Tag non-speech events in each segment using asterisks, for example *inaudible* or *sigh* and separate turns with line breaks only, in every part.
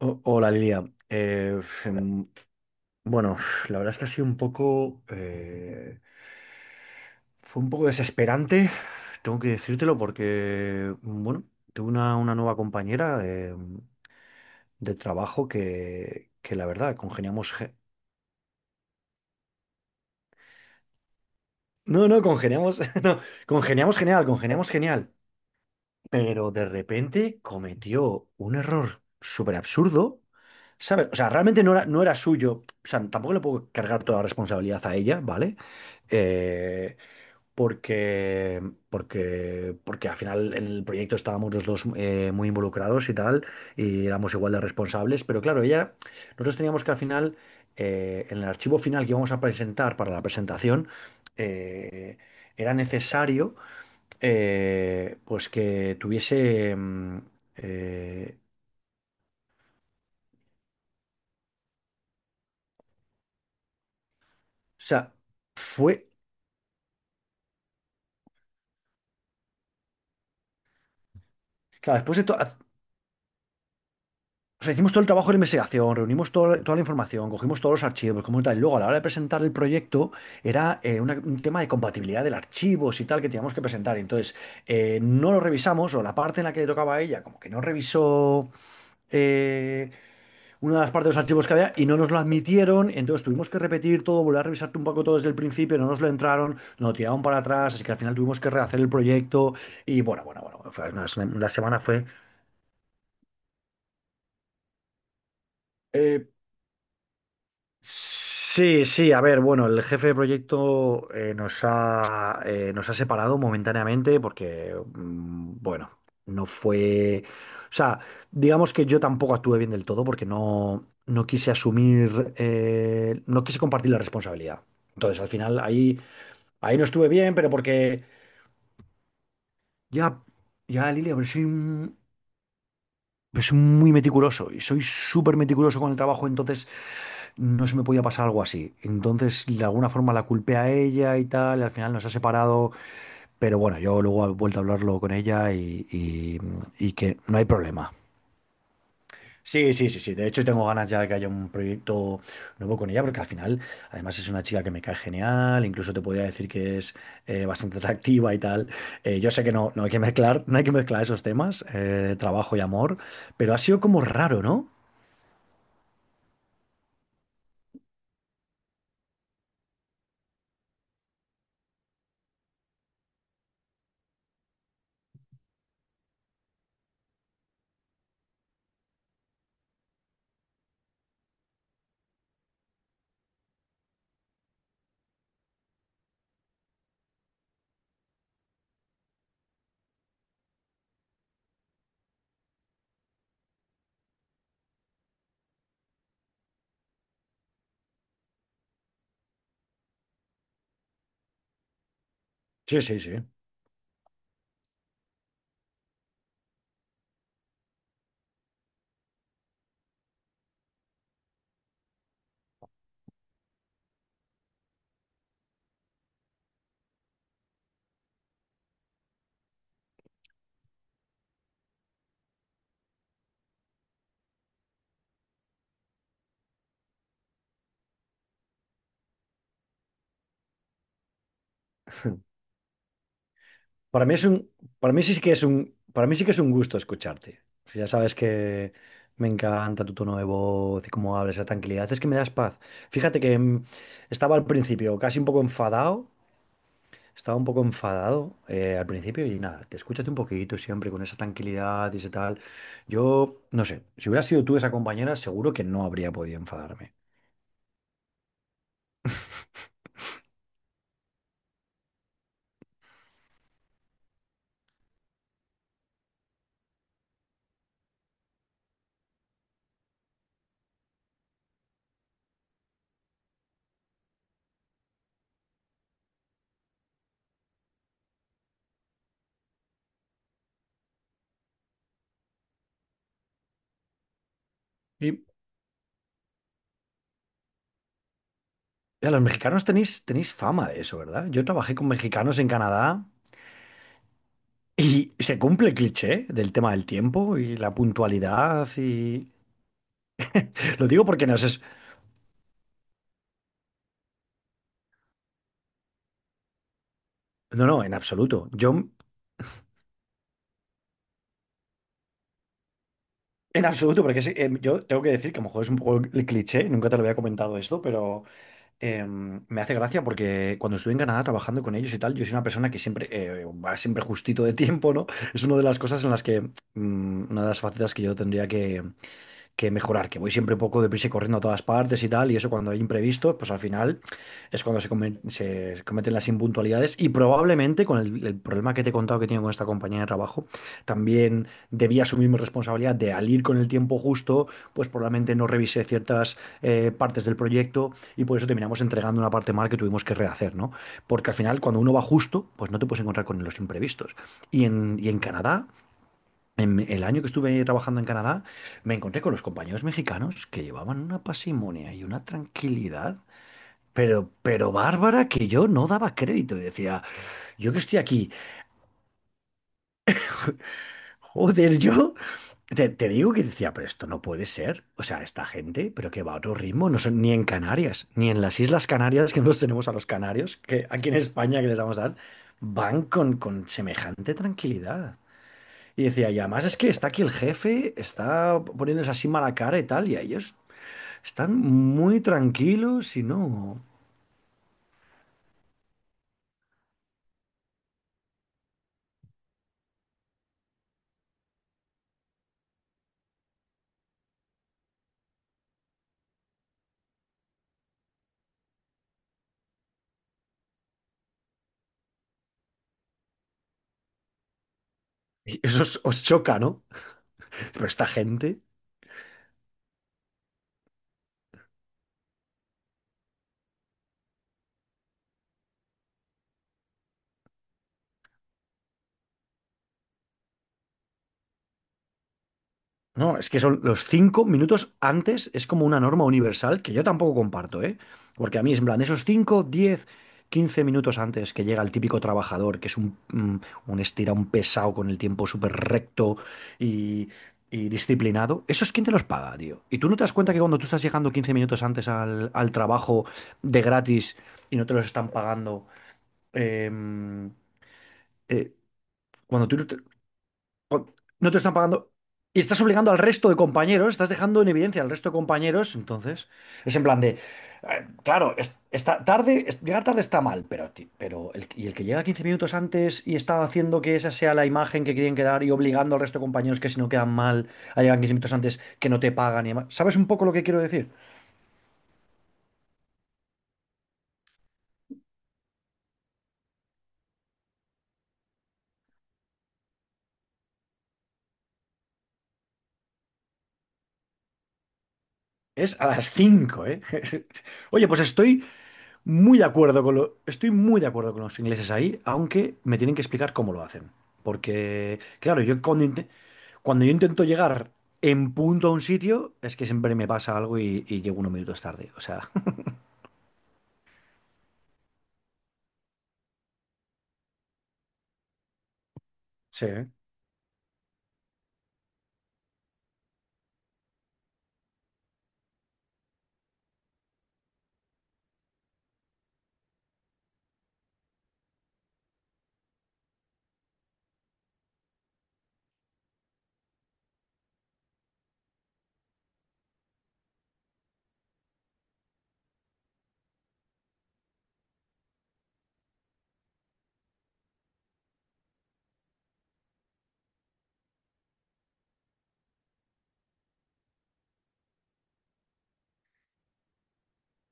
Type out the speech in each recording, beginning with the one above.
Hola, Lilia. Eh, em, bueno, la verdad es que ha sido un poco, fue un poco desesperante, tengo que decírtelo porque, bueno, tuve una nueva compañera de trabajo que la verdad, congeniamos, no, no, congeniamos, *laughs* no, congeniamos genial, pero de repente cometió un error súper absurdo, ¿sabes? O sea, realmente no era suyo, o sea, tampoco le puedo cargar toda la responsabilidad a ella, ¿vale? Eh, porque, porque al final en el proyecto estábamos los dos muy involucrados y tal, y éramos igual de responsables, pero claro, ella, nosotros teníamos que al final, en el archivo final que íbamos a presentar para la presentación, eh, era necesario, pues que tuviese. Eh, o sea, fue. Claro, después de todo. O sea, hicimos todo el trabajo de investigación, reunimos toda la información, cogimos todos los archivos, como tal. Y luego, a la hora de presentar el proyecto, era un tema de compatibilidad del archivos y tal que teníamos que presentar. Y entonces, no lo revisamos, o la parte en la que le tocaba a ella, como que no revisó eh, una de las partes de los archivos que había y no nos lo admitieron, entonces tuvimos que repetir todo, volver a revisar un poco todo desde el principio, no nos lo entraron, nos lo tiraron para atrás, así que al final tuvimos que rehacer el proyecto y bueno, bueno, bueno, fue una semana fue. eh, Sí, sí, a ver, bueno, el jefe de proyecto nos ha separado momentáneamente porque, bueno, no fue. O sea, digamos que yo tampoco actué bien del todo porque no quise asumir, no quise compartir la responsabilidad. Entonces, al final, ahí no estuve bien, pero porque ya, ya, Lilia, pero soy muy meticuloso y soy súper meticuloso con el trabajo, entonces no se me podía pasar algo así. Entonces, de alguna forma la culpé a ella y tal, y al final nos ha separado, pero bueno, yo luego he vuelto a hablarlo con ella y que no hay problema. Sí, sí, sí, sí. De hecho, tengo ganas ya de que haya un proyecto nuevo con ella, porque al final, además, es una chica que me cae genial, incluso te podría decir que es bastante atractiva y tal. Yo sé que no, no hay que mezclar, no hay que mezclar esos temas, trabajo y amor, pero ha sido como raro, ¿no? Sí, sí, sí. Para mí es un, para mí sí que es un, para mí sí que es un gusto escucharte. Ya sabes que me encanta tu tono de voz y cómo hablas, esa tranquilidad. Es que me das paz. Fíjate que estaba al principio casi un poco enfadado, estaba un poco enfadado al principio y nada, te escúchate un poquito siempre con esa tranquilidad y ese tal. Yo, no sé, si hubiera sido tú esa compañera, seguro que no habría podido enfadarme. *laughs* Y ya, los mexicanos tenéis fama de eso, ¿verdad? Yo trabajé con mexicanos en Canadá y se cumple el cliché del tema del tiempo y la puntualidad. Y... Lo digo porque no es. No, no, en absoluto. Yo, en absoluto, porque sí, yo tengo que decir que a lo mejor es un poco el cliché, nunca te lo había comentado esto, pero me hace gracia porque cuando estuve en Canadá trabajando con ellos y tal, yo soy una persona que siempre va siempre justito de tiempo, ¿no? Es una de las cosas en las que. Una de las facetas que yo tendría que mejorar, que voy siempre un poco deprisa y corriendo a todas partes y tal, y eso cuando hay imprevisto, pues al final es cuando se cometen las impuntualidades y probablemente con el problema que te he contado que tengo con esta compañía de trabajo, también debía asumir mi responsabilidad de al ir con el tiempo justo, pues probablemente no revisé ciertas partes del proyecto y por eso terminamos entregando una parte mal que tuvimos que rehacer, ¿no? Porque al final cuando uno va justo, pues no te puedes encontrar con los imprevistos. Y en Canadá, en el año que estuve trabajando en Canadá, me encontré con los compañeros mexicanos que llevaban una pasimonia y una tranquilidad, pero bárbara que yo no daba crédito. Y decía, yo que estoy aquí, joder, yo te digo que decía, pero esto no puede ser. O sea, esta gente, pero que va a otro ritmo, no son ni en Canarias, ni en las Islas Canarias, que nos tenemos a los canarios, que aquí en España que les damos dar, van con semejante tranquilidad. Y decía, y además es que está aquí el jefe, está poniéndose así mala cara y tal, y a ellos están muy tranquilos y no. Y eso os choca, ¿no? Pero esta gente. No, es que son los 5 minutos antes, es como una norma universal que yo tampoco comparto, ¿eh? Porque a mí es en plan, esos 5, 10, 15 minutos antes que llega el típico trabajador, que es un, un estira, un pesado con el tiempo súper recto y, y disciplinado, ¿eso es quién te los paga, tío? Y tú no te das cuenta que cuando tú estás llegando 15 minutos antes al trabajo de gratis y no te los están pagando. em, eh, cuando tú no te, cuan- No te están pagando y estás obligando al resto de compañeros, estás dejando en evidencia al resto de compañeros, entonces es en plan de, claro, está tarde, llegar tarde está mal, pero, pero el, y el que llega 15 minutos antes y está haciendo que esa sea la imagen que quieren quedar y obligando al resto de compañeros que si no quedan mal a llegar 15 minutos antes, que no te pagan y demás. ¿Sabes un poco lo que quiero decir? Es a las 5, ¿eh? *laughs* Oye, pues estoy muy de acuerdo con lo, estoy muy de acuerdo con los ingleses ahí, aunque me tienen que explicar cómo lo hacen. Porque, claro, yo cuando yo intento llegar en punto a un sitio, es que siempre me pasa algo y llego unos minutos tarde. O sea, *laughs* sí. ¿Eh?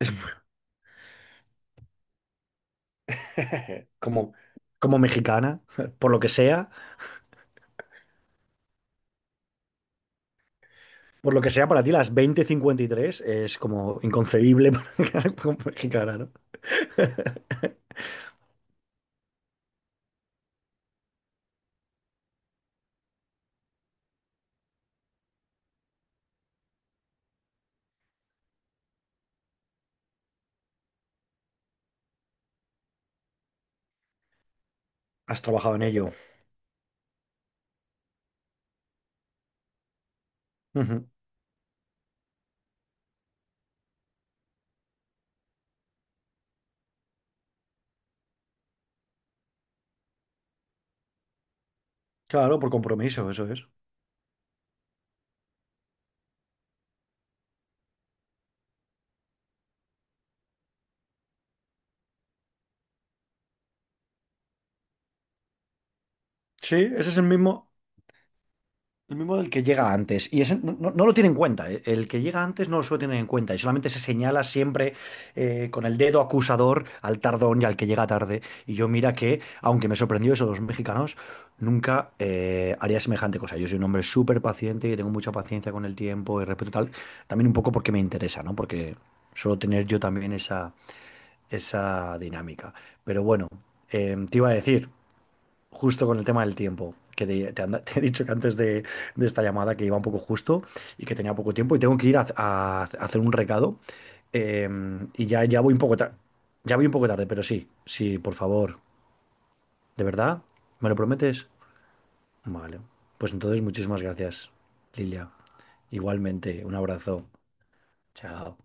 Es *laughs* como, como, mexicana, por lo que sea, por lo que sea para ti, las 20:53 es como inconcebible *laughs* para como mexicana, ¿no? Has trabajado en ello. Ujú. Claro, por compromiso, eso es. Sí, ese es el mismo. El mismo del que llega antes. Y eso no lo tiene en cuenta. El que llega antes no lo suele tener en cuenta. Y solamente se señala siempre con el dedo acusador al tardón y al que llega tarde. Y yo mira que, aunque me sorprendió eso de los mexicanos, nunca haría semejante cosa. Yo soy un hombre súper paciente y tengo mucha paciencia con el tiempo y respeto y tal. También un poco porque me interesa, ¿no? Porque suelo tener yo también esa dinámica. Pero bueno, te iba a decir justo con el tema del tiempo, que *laughs* te he dicho que antes de esta llamada que iba un poco justo y que tenía poco tiempo y tengo que ir a, a hacer un recado, eh, y ya voy un poco tarde, ya voy un poco tarde, pero sí, sí, por favor, ¿de verdad? ¿Me lo prometes? Vale, pues entonces muchísimas gracias, Lilia. Igualmente, un abrazo. Chao.